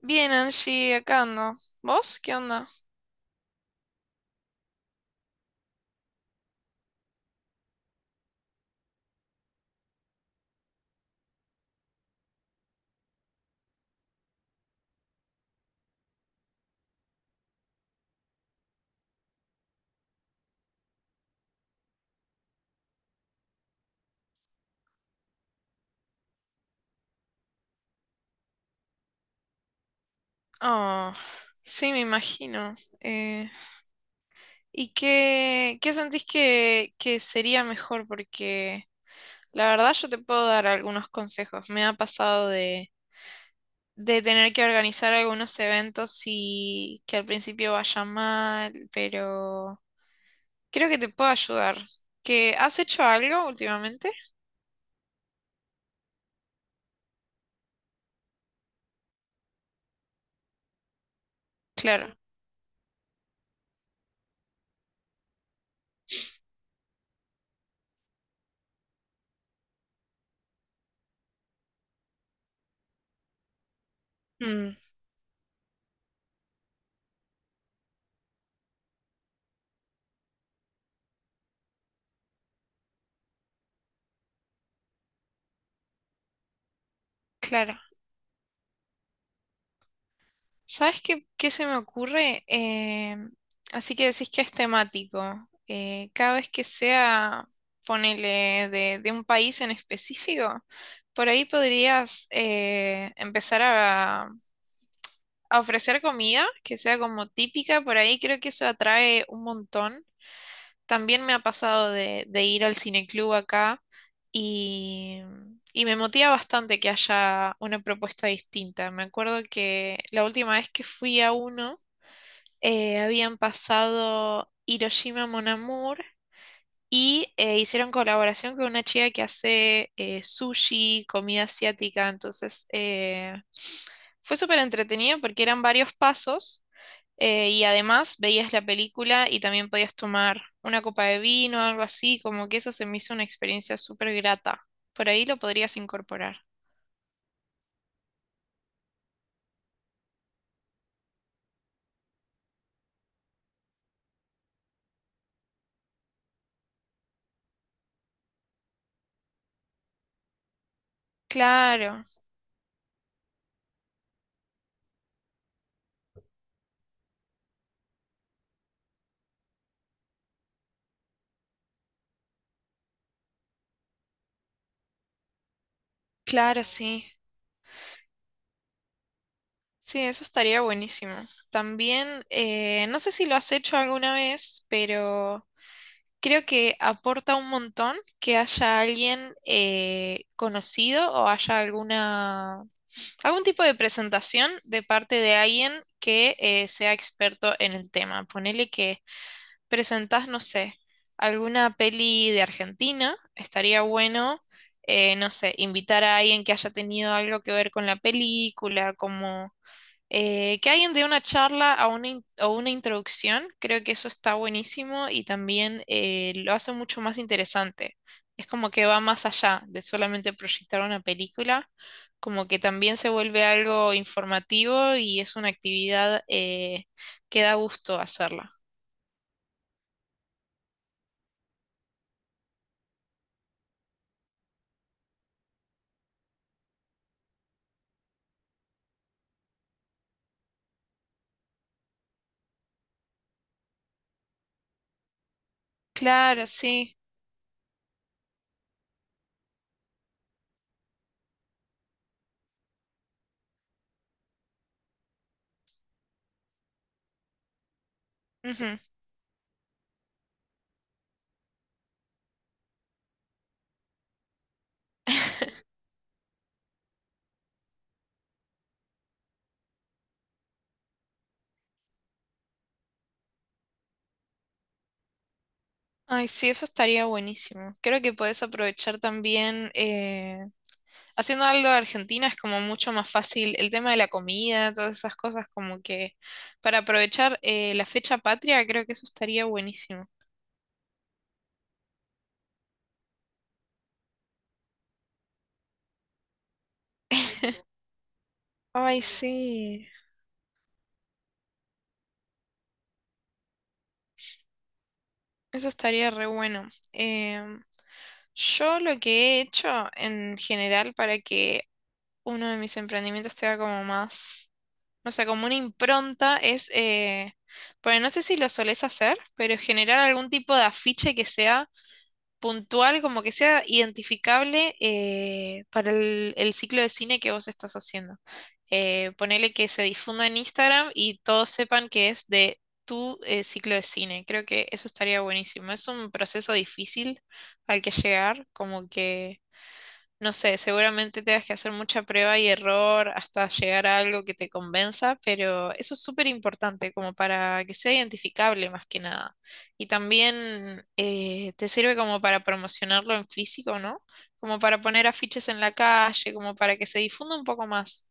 Bien, Angie, acá ando. ¿Vos qué onda? Oh, sí, me imagino. Eh, ¿Y qué sentís que sería mejor? Porque la verdad yo te puedo dar algunos consejos. Me ha pasado de tener que organizar algunos eventos y que al principio vaya mal, pero creo que te puedo ayudar. ¿Que has hecho algo últimamente? Claro. Mm, claro. ¿Sabes qué se me ocurre? Así que decís que es temático. Cada vez que sea, ponele, de un país en específico, por ahí podrías empezar a ofrecer comida que sea como típica. Por ahí creo que eso atrae un montón. También me ha pasado de ir al cineclub acá y, y me motiva bastante que haya una propuesta distinta. Me acuerdo que la última vez que fui a uno, habían pasado Hiroshima Mon Amour y hicieron colaboración con una chica que hace sushi, comida asiática. Entonces fue súper entretenido porque eran varios pasos y además veías la película y también podías tomar una copa de vino, algo así. Como que eso se me hizo una experiencia súper grata. Por ahí lo podrías incorporar. Claro, claro, sí. Sí, eso estaría buenísimo. También, no sé si lo has hecho alguna vez, pero creo que aporta un montón que haya alguien conocido o haya alguna, algún tipo de presentación de parte de alguien que sea experto en el tema. Ponele que presentás, no sé, alguna peli de Argentina, estaría bueno, no sé, invitar a alguien que haya tenido algo que ver con la película, como que alguien dé una charla a una o una introducción, creo que eso está buenísimo y también lo hace mucho más interesante. Es como que va más allá de solamente proyectar una película, como que también se vuelve algo informativo y es una actividad que da gusto hacerla. Claro, sí. Ujú. Ay, sí, eso estaría buenísimo. Creo que puedes aprovechar también, haciendo algo de Argentina es como mucho más fácil el tema de la comida, todas esas cosas, como que para aprovechar la fecha patria, creo que eso estaría buenísimo. Ay, sí, eso estaría re bueno. Yo lo que he hecho en general para que uno de mis emprendimientos tenga como más... O sea, como una impronta es, bueno, no sé si lo solés hacer, pero generar algún tipo de afiche que sea puntual, como que sea identificable para el ciclo de cine que vos estás haciendo. Ponele que se difunda en Instagram y todos sepan que es de tu ciclo de cine. Creo que eso estaría buenísimo. Es un proceso difícil al que llegar, como que no sé, seguramente tengas que hacer mucha prueba y error hasta llegar a algo que te convenza, pero eso es súper importante como para que sea identificable más que nada. Y también te sirve como para promocionarlo en físico, ¿no? Como para poner afiches en la calle, como para que se difunda un poco más.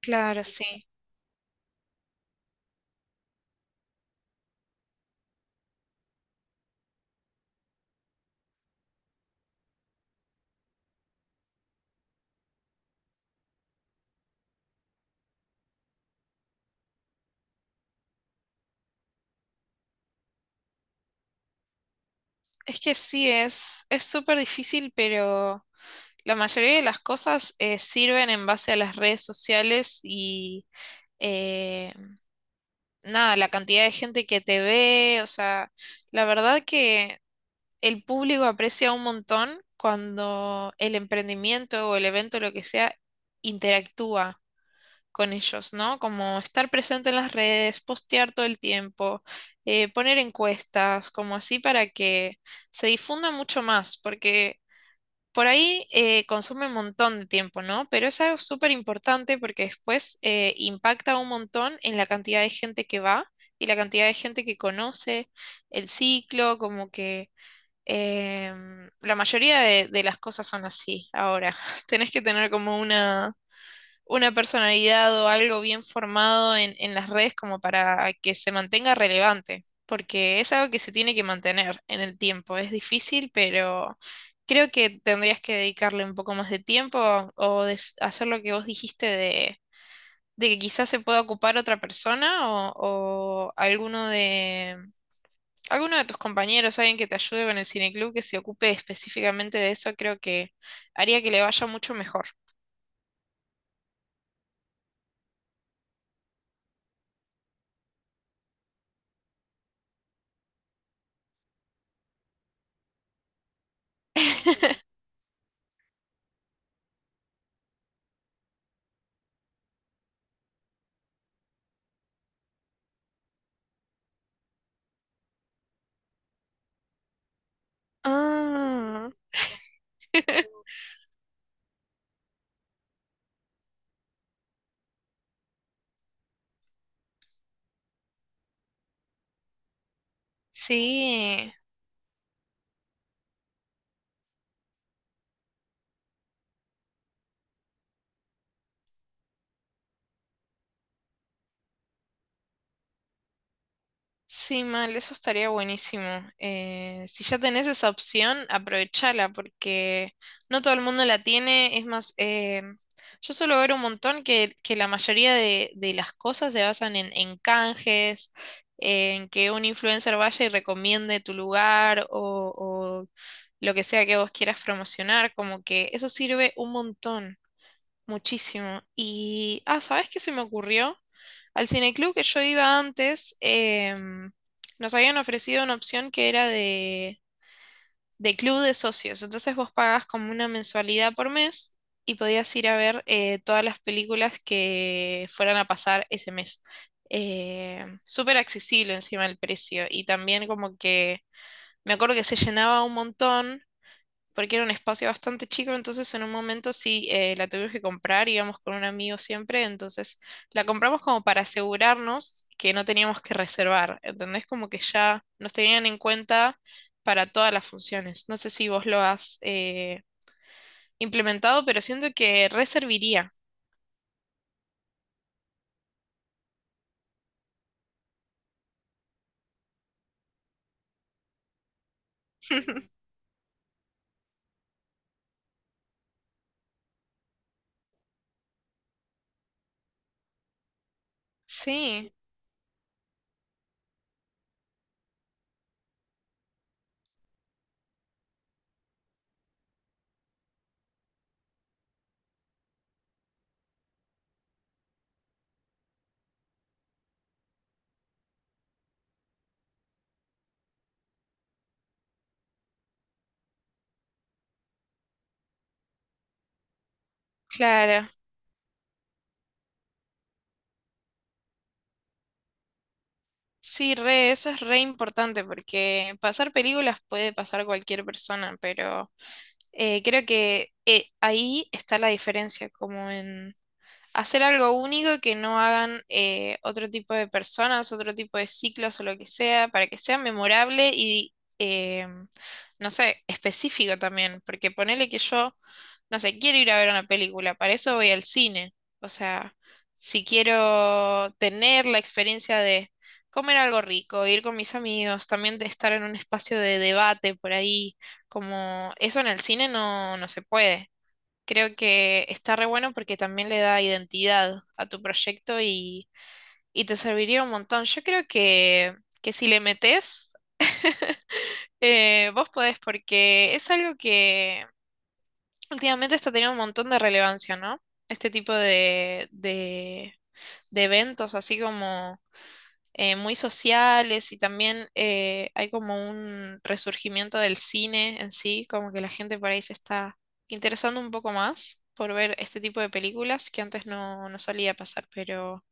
Claro, sí. Es que sí, es súper difícil, pero la mayoría de las cosas sirven en base a las redes sociales y... eh, nada, la cantidad de gente que te ve, o sea, la verdad que el público aprecia un montón cuando el emprendimiento o el evento, lo que sea, interactúa con ellos, ¿no? Como estar presente en las redes, postear todo el tiempo, poner encuestas, como así para que se difunda mucho más, porque por ahí consume un montón de tiempo, ¿no? Pero es algo súper importante porque después impacta un montón en la cantidad de gente que va y la cantidad de gente que conoce el ciclo, como que la mayoría de las cosas son así ahora. Tenés que tener como una personalidad o algo bien formado en las redes como para que se mantenga relevante, porque es algo que se tiene que mantener en el tiempo. Es difícil, pero creo que tendrías que dedicarle un poco más de tiempo o hacer lo que vos dijiste de que quizás se pueda ocupar otra persona o alguno de... Alguno de tus compañeros, alguien que te ayude con el cineclub, que se ocupe específicamente de eso, creo que haría que le vaya mucho mejor. Ah. Sí, sí, mal, eso estaría buenísimo. Si ya tenés esa opción, aprovechala porque no todo el mundo la tiene. Es más, yo suelo ver un montón que la mayoría de las cosas se basan en canjes, en que un influencer vaya y recomiende tu lugar o lo que sea que vos quieras promocionar, como que eso sirve un montón. Muchísimo. Y, ah, ¿sabes qué se me ocurrió? Al cineclub que yo iba antes, nos habían ofrecido una opción que era de club de socios. Entonces vos pagabas como una mensualidad por mes y podías ir a ver todas las películas que fueran a pasar ese mes. Súper accesible encima el precio. Y también como que me acuerdo que se llenaba un montón porque era un espacio bastante chico, entonces en un momento sí la tuvimos que comprar, íbamos con un amigo siempre, entonces la compramos como para asegurarnos que no teníamos que reservar, ¿entendés? Como que ya nos tenían en cuenta para todas las funciones. No sé si vos lo has implementado, pero siento que reservaría. Sí, claro. Sí, re, eso es re importante porque pasar películas puede pasar cualquier persona, pero creo que ahí está la diferencia, como en, hacer algo único que no hagan otro tipo de personas, otro tipo de ciclos o lo que sea, para que sea memorable y, eh, no sé, específico también, porque ponele que yo, no sé, quiero ir a ver una película, para eso voy al cine, o sea, si quiero tener la experiencia de comer algo rico, ir con mis amigos, también de estar en un espacio de debate por ahí, como eso en el cine no, no se puede. Creo que está re bueno porque también le da identidad a tu proyecto y te serviría un montón. Yo creo que si le metes, vos podés porque es algo que últimamente está teniendo un montón de relevancia, ¿no? Este tipo de eventos, así como muy sociales y también hay como un resurgimiento del cine en sí, como que la gente por ahí se está interesando un poco más por ver este tipo de películas que antes no, no solía pasar, pero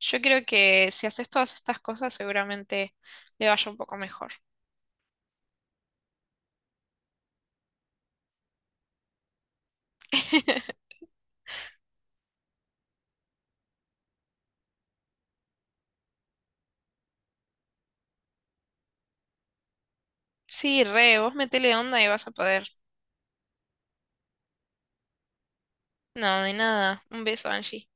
yo creo que si haces todas estas cosas seguramente le vaya un poco mejor. Sí, re, vos metele onda y vas a poder. No, de nada. Un beso, Angie.